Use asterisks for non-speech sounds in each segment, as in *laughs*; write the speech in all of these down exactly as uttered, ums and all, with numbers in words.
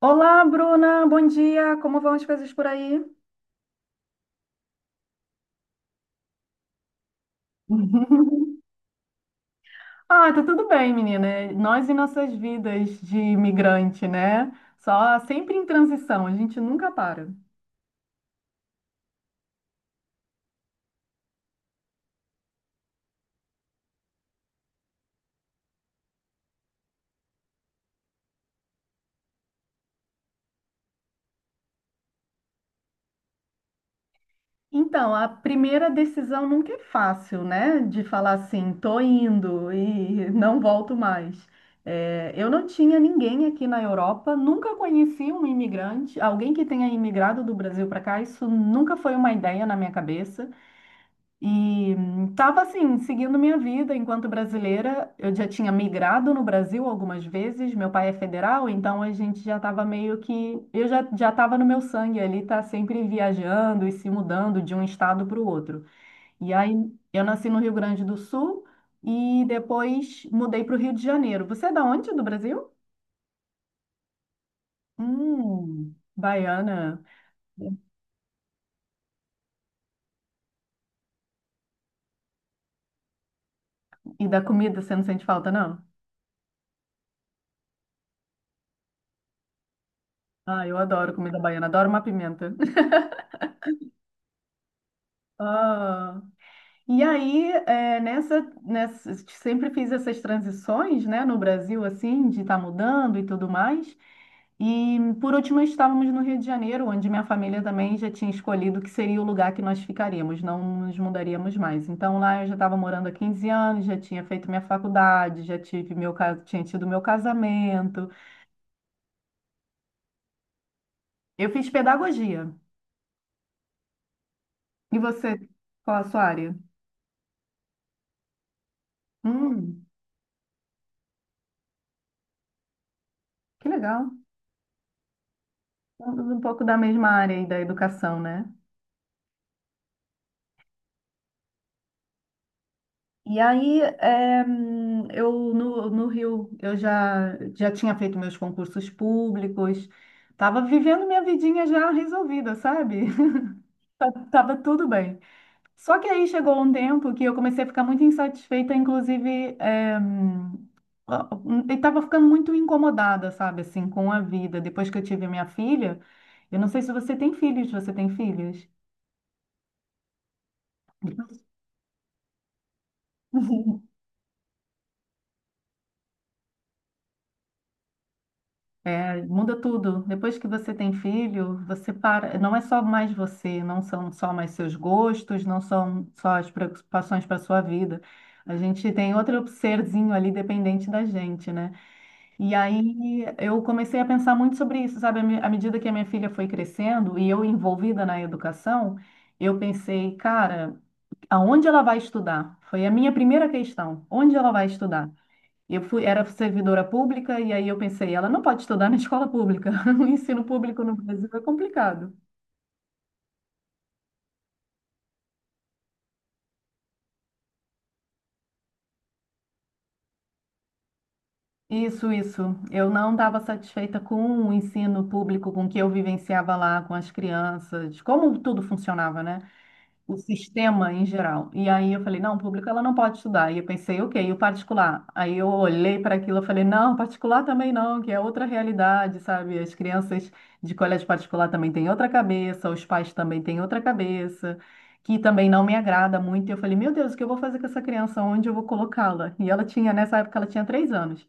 Olá, Bruna, bom dia. Como vão as coisas por aí? *laughs* Ah, tá tudo bem, menina. Nós e nossas vidas de imigrante, né? Só sempre em transição, a gente nunca para. Então, a primeira decisão nunca é fácil, né? De falar assim, tô indo e não volto mais. É, eu não tinha ninguém aqui na Europa, nunca conheci um imigrante, alguém que tenha imigrado do Brasil para cá, isso nunca foi uma ideia na minha cabeça. E estava assim, seguindo minha vida enquanto brasileira. Eu já tinha migrado no Brasil algumas vezes. Meu pai é federal, então a gente já estava meio que. Eu já já estava no meu sangue ali, tá sempre viajando e se mudando de um estado para o outro. E aí eu nasci no Rio Grande do Sul e depois mudei para o Rio de Janeiro. Você é da onde do Brasil? Hum, baiana. E da comida você não sente falta, não? Ah, eu adoro comida baiana, adoro uma pimenta. *laughs* Ah. E aí, é, nessa, nessa, sempre fiz essas transições, né, no Brasil, assim, de estar mudando e tudo mais. E, por último, estávamos no Rio de Janeiro, onde minha família também já tinha escolhido que seria o lugar que nós ficaríamos, não nos mudaríamos mais. Então, lá eu já estava morando há quinze anos, já tinha feito minha faculdade, já tive meu, ca- tinha tido meu casamento. Eu fiz pedagogia. E você, qual a sua área? Hum, que legal. Um pouco da mesma área aí da educação, né? E aí, eh, eu no, no Rio, eu já, já tinha feito meus concursos públicos, estava vivendo minha vidinha já resolvida, sabe? *laughs* Tava tudo bem. Só que aí chegou um tempo que eu comecei a ficar muito insatisfeita, inclusive, eh, ó, eu estava ficando muito incomodada, sabe, assim, com a vida. Depois que eu tive minha filha, eu não sei se você tem filhos, você tem filhos? *laughs* É, muda tudo. Depois que você tem filho, você para. Não é só mais você, não são só mais seus gostos, não são só as preocupações para sua vida. A gente tem outro serzinho ali dependente da gente, né? E aí eu comecei a pensar muito sobre isso, sabe? À me- à medida que a minha filha foi crescendo e eu envolvida na educação, eu pensei, cara, aonde ela vai estudar? Foi a minha primeira questão. Onde ela vai estudar? Eu fui, era servidora pública e aí eu pensei, ela não pode estudar na escola pública. *laughs* O ensino público no Brasil é complicado. Isso, isso. Eu não estava satisfeita com o ensino público, com o que eu vivenciava lá, com as crianças, como tudo funcionava, né? O sistema em geral. E aí eu falei, não, o público ela não pode estudar. E eu pensei, ok, e o particular? Aí eu olhei para aquilo e falei, não, particular também não, que é outra realidade, sabe? As crianças de colégio particular também têm outra cabeça, os pais também têm outra cabeça, que também não me agrada muito. E eu falei, meu Deus, o que eu vou fazer com essa criança? Onde eu vou colocá-la? E ela tinha, nessa época, ela tinha três anos.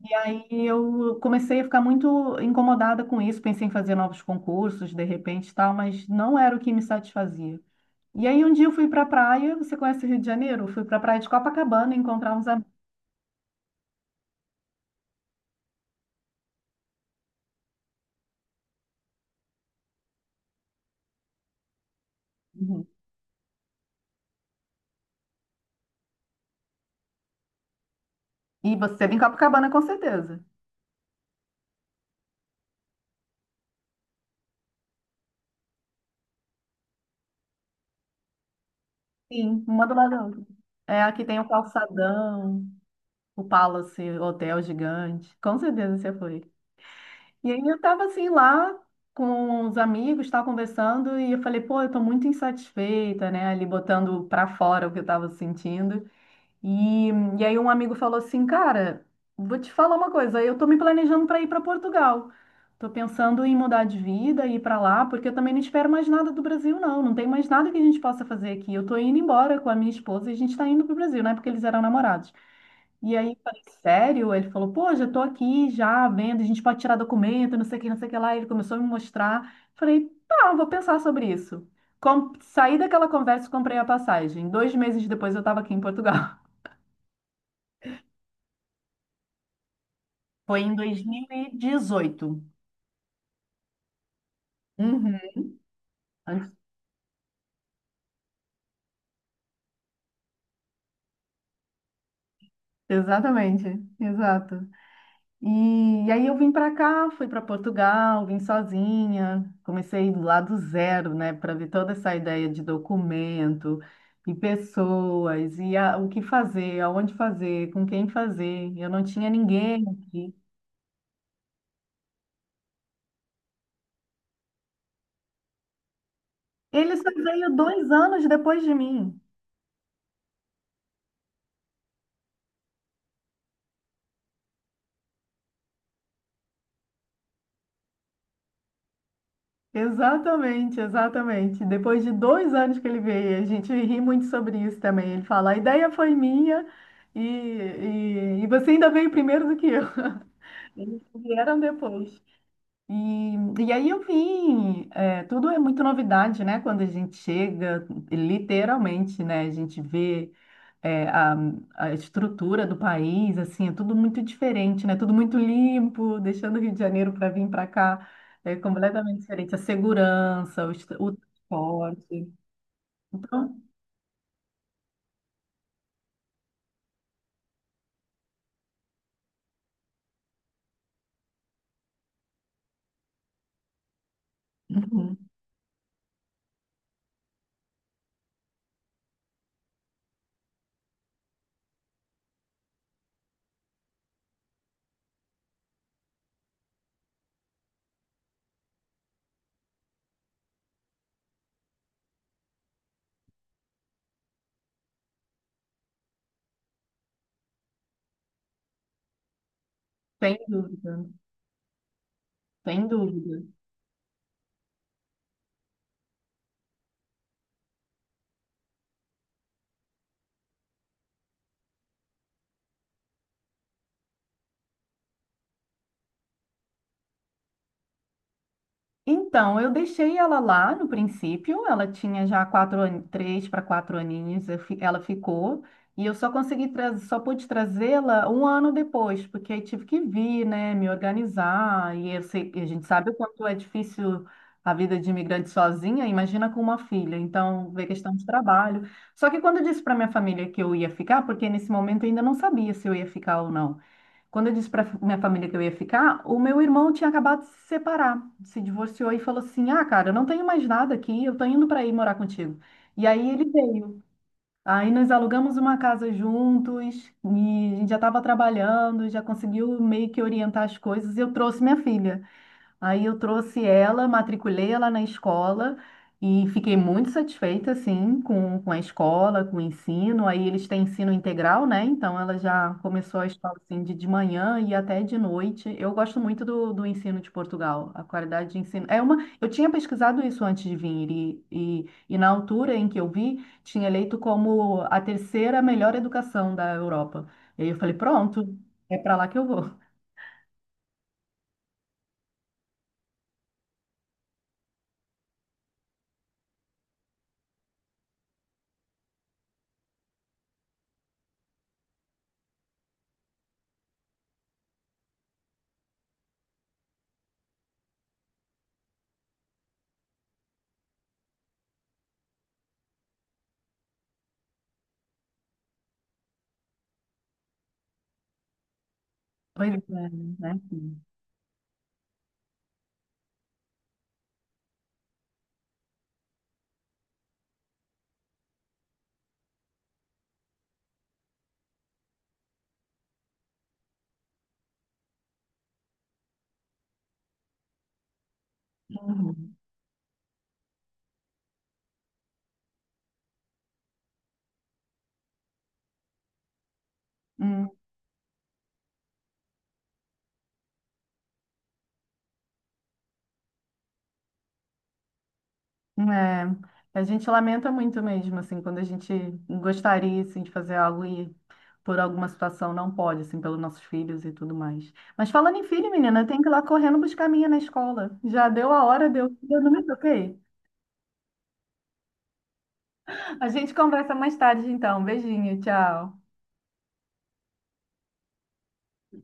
E aí eu comecei a ficar muito incomodada com isso, pensei em fazer novos concursos, de repente, e tal, mas não era o que me satisfazia. E aí um dia eu fui para a praia, você conhece o Rio de Janeiro? Eu fui para a praia de Copacabana encontrar uns amigos. Uhum. E você esteve em Copacabana com certeza. Sim. Uma do lado da outra. É, aqui tem o Calçadão, o Palace Hotel Gigante. Com certeza você foi. E aí eu tava assim lá com os amigos, tava conversando e eu falei, pô, eu tô muito insatisfeita, né? Ali botando pra fora o que eu tava sentindo. E, e aí um amigo falou assim, cara, vou te falar uma coisa, eu tô me planejando para ir para Portugal. Tô pensando em mudar de vida e ir para lá, porque eu também não espero mais nada do Brasil, não. Não tem mais nada que a gente possa fazer aqui. Eu tô indo embora com a minha esposa e a gente tá indo pro Brasil, né? Porque eles eram namorados. E aí, eu falei, sério? Ele falou, pô, já tô aqui, já vendo, a gente pode tirar documento, não sei o que, não sei o que lá. Ele começou a me mostrar. Falei, tá, vou pensar sobre isso. Com... Saí daquela conversa e comprei a passagem. Dois meses depois eu tava aqui em Portugal. Foi em dois mil e dezoito. Uhum, Antes- exatamente, exato. E, aí eu vim para cá, fui para Portugal, vim sozinha, comecei lá do zero, né, para ver toda essa ideia de documento e pessoas e a- o que fazer, aonde fazer, com quem fazer. Eu não tinha ninguém aqui. Ele só veio dois anos depois de mim. Exatamente, exatamente. Depois de dois anos que ele veio, a gente ri muito sobre isso também. Ele fala, a ideia foi minha e, e, e você ainda veio primeiro do que eu. *laughs* Eles vieram depois. E, e aí eu vim, é, tudo é muito novidade, né? Quando a gente chega, literalmente, né? A gente vê é, a, a estrutura do país, assim, é tudo muito diferente, né? Tudo muito limpo, deixando o Rio de Janeiro para vir para cá é completamente diferente. A segurança, o, est- o transporte. Então, uhum, sem dúvida, sem dúvida. Então, eu deixei ela lá no princípio, ela tinha já quatro, an- três para quatro aninhos, eu fi- ela ficou, e eu só consegui trazer, só pude trazê-la um ano depois, porque aí tive que vir, né, me organizar, e eu sei- e a gente sabe o quanto é difícil a vida de imigrante sozinha, imagina com uma filha, então veio questão de trabalho. Só que quando eu disse para minha família que eu ia ficar, porque nesse momento eu ainda não sabia se eu ia ficar ou não. Quando eu disse para minha família que eu ia ficar, o meu irmão tinha acabado de se separar, se divorciou e falou assim: Ah, cara, eu não tenho mais nada aqui, eu tô indo para ir morar contigo. E aí ele veio. Aí nós alugamos uma casa juntos, e a gente já estava trabalhando, já conseguiu meio que orientar as coisas. E eu trouxe minha filha. Aí eu trouxe ela, matriculei ela na escola e fiquei muito satisfeita, assim, com, com a escola, com o ensino. Aí eles têm ensino integral, né? Então ela já começou a escola, assim, de, de manhã e até de noite. Eu gosto muito do, do ensino de Portugal, a qualidade de ensino. É uma... Eu tinha pesquisado isso antes de vir e, e, e na altura em que eu vi, tinha eleito como a terceira melhor educação da Europa. E aí eu falei, pronto, é para lá que eu vou. Pois é, né? Uhum. Uhum. É, a gente lamenta muito mesmo, assim, quando a gente gostaria, assim, de fazer algo e por alguma situação não pode, assim, pelos nossos filhos e tudo mais. Mas falando em filho, menina, tem que ir lá correndo buscar a minha na escola. Já deu a hora, deu, eu não me toquei. *laughs* A gente conversa mais tarde, então. Beijinho, tchau.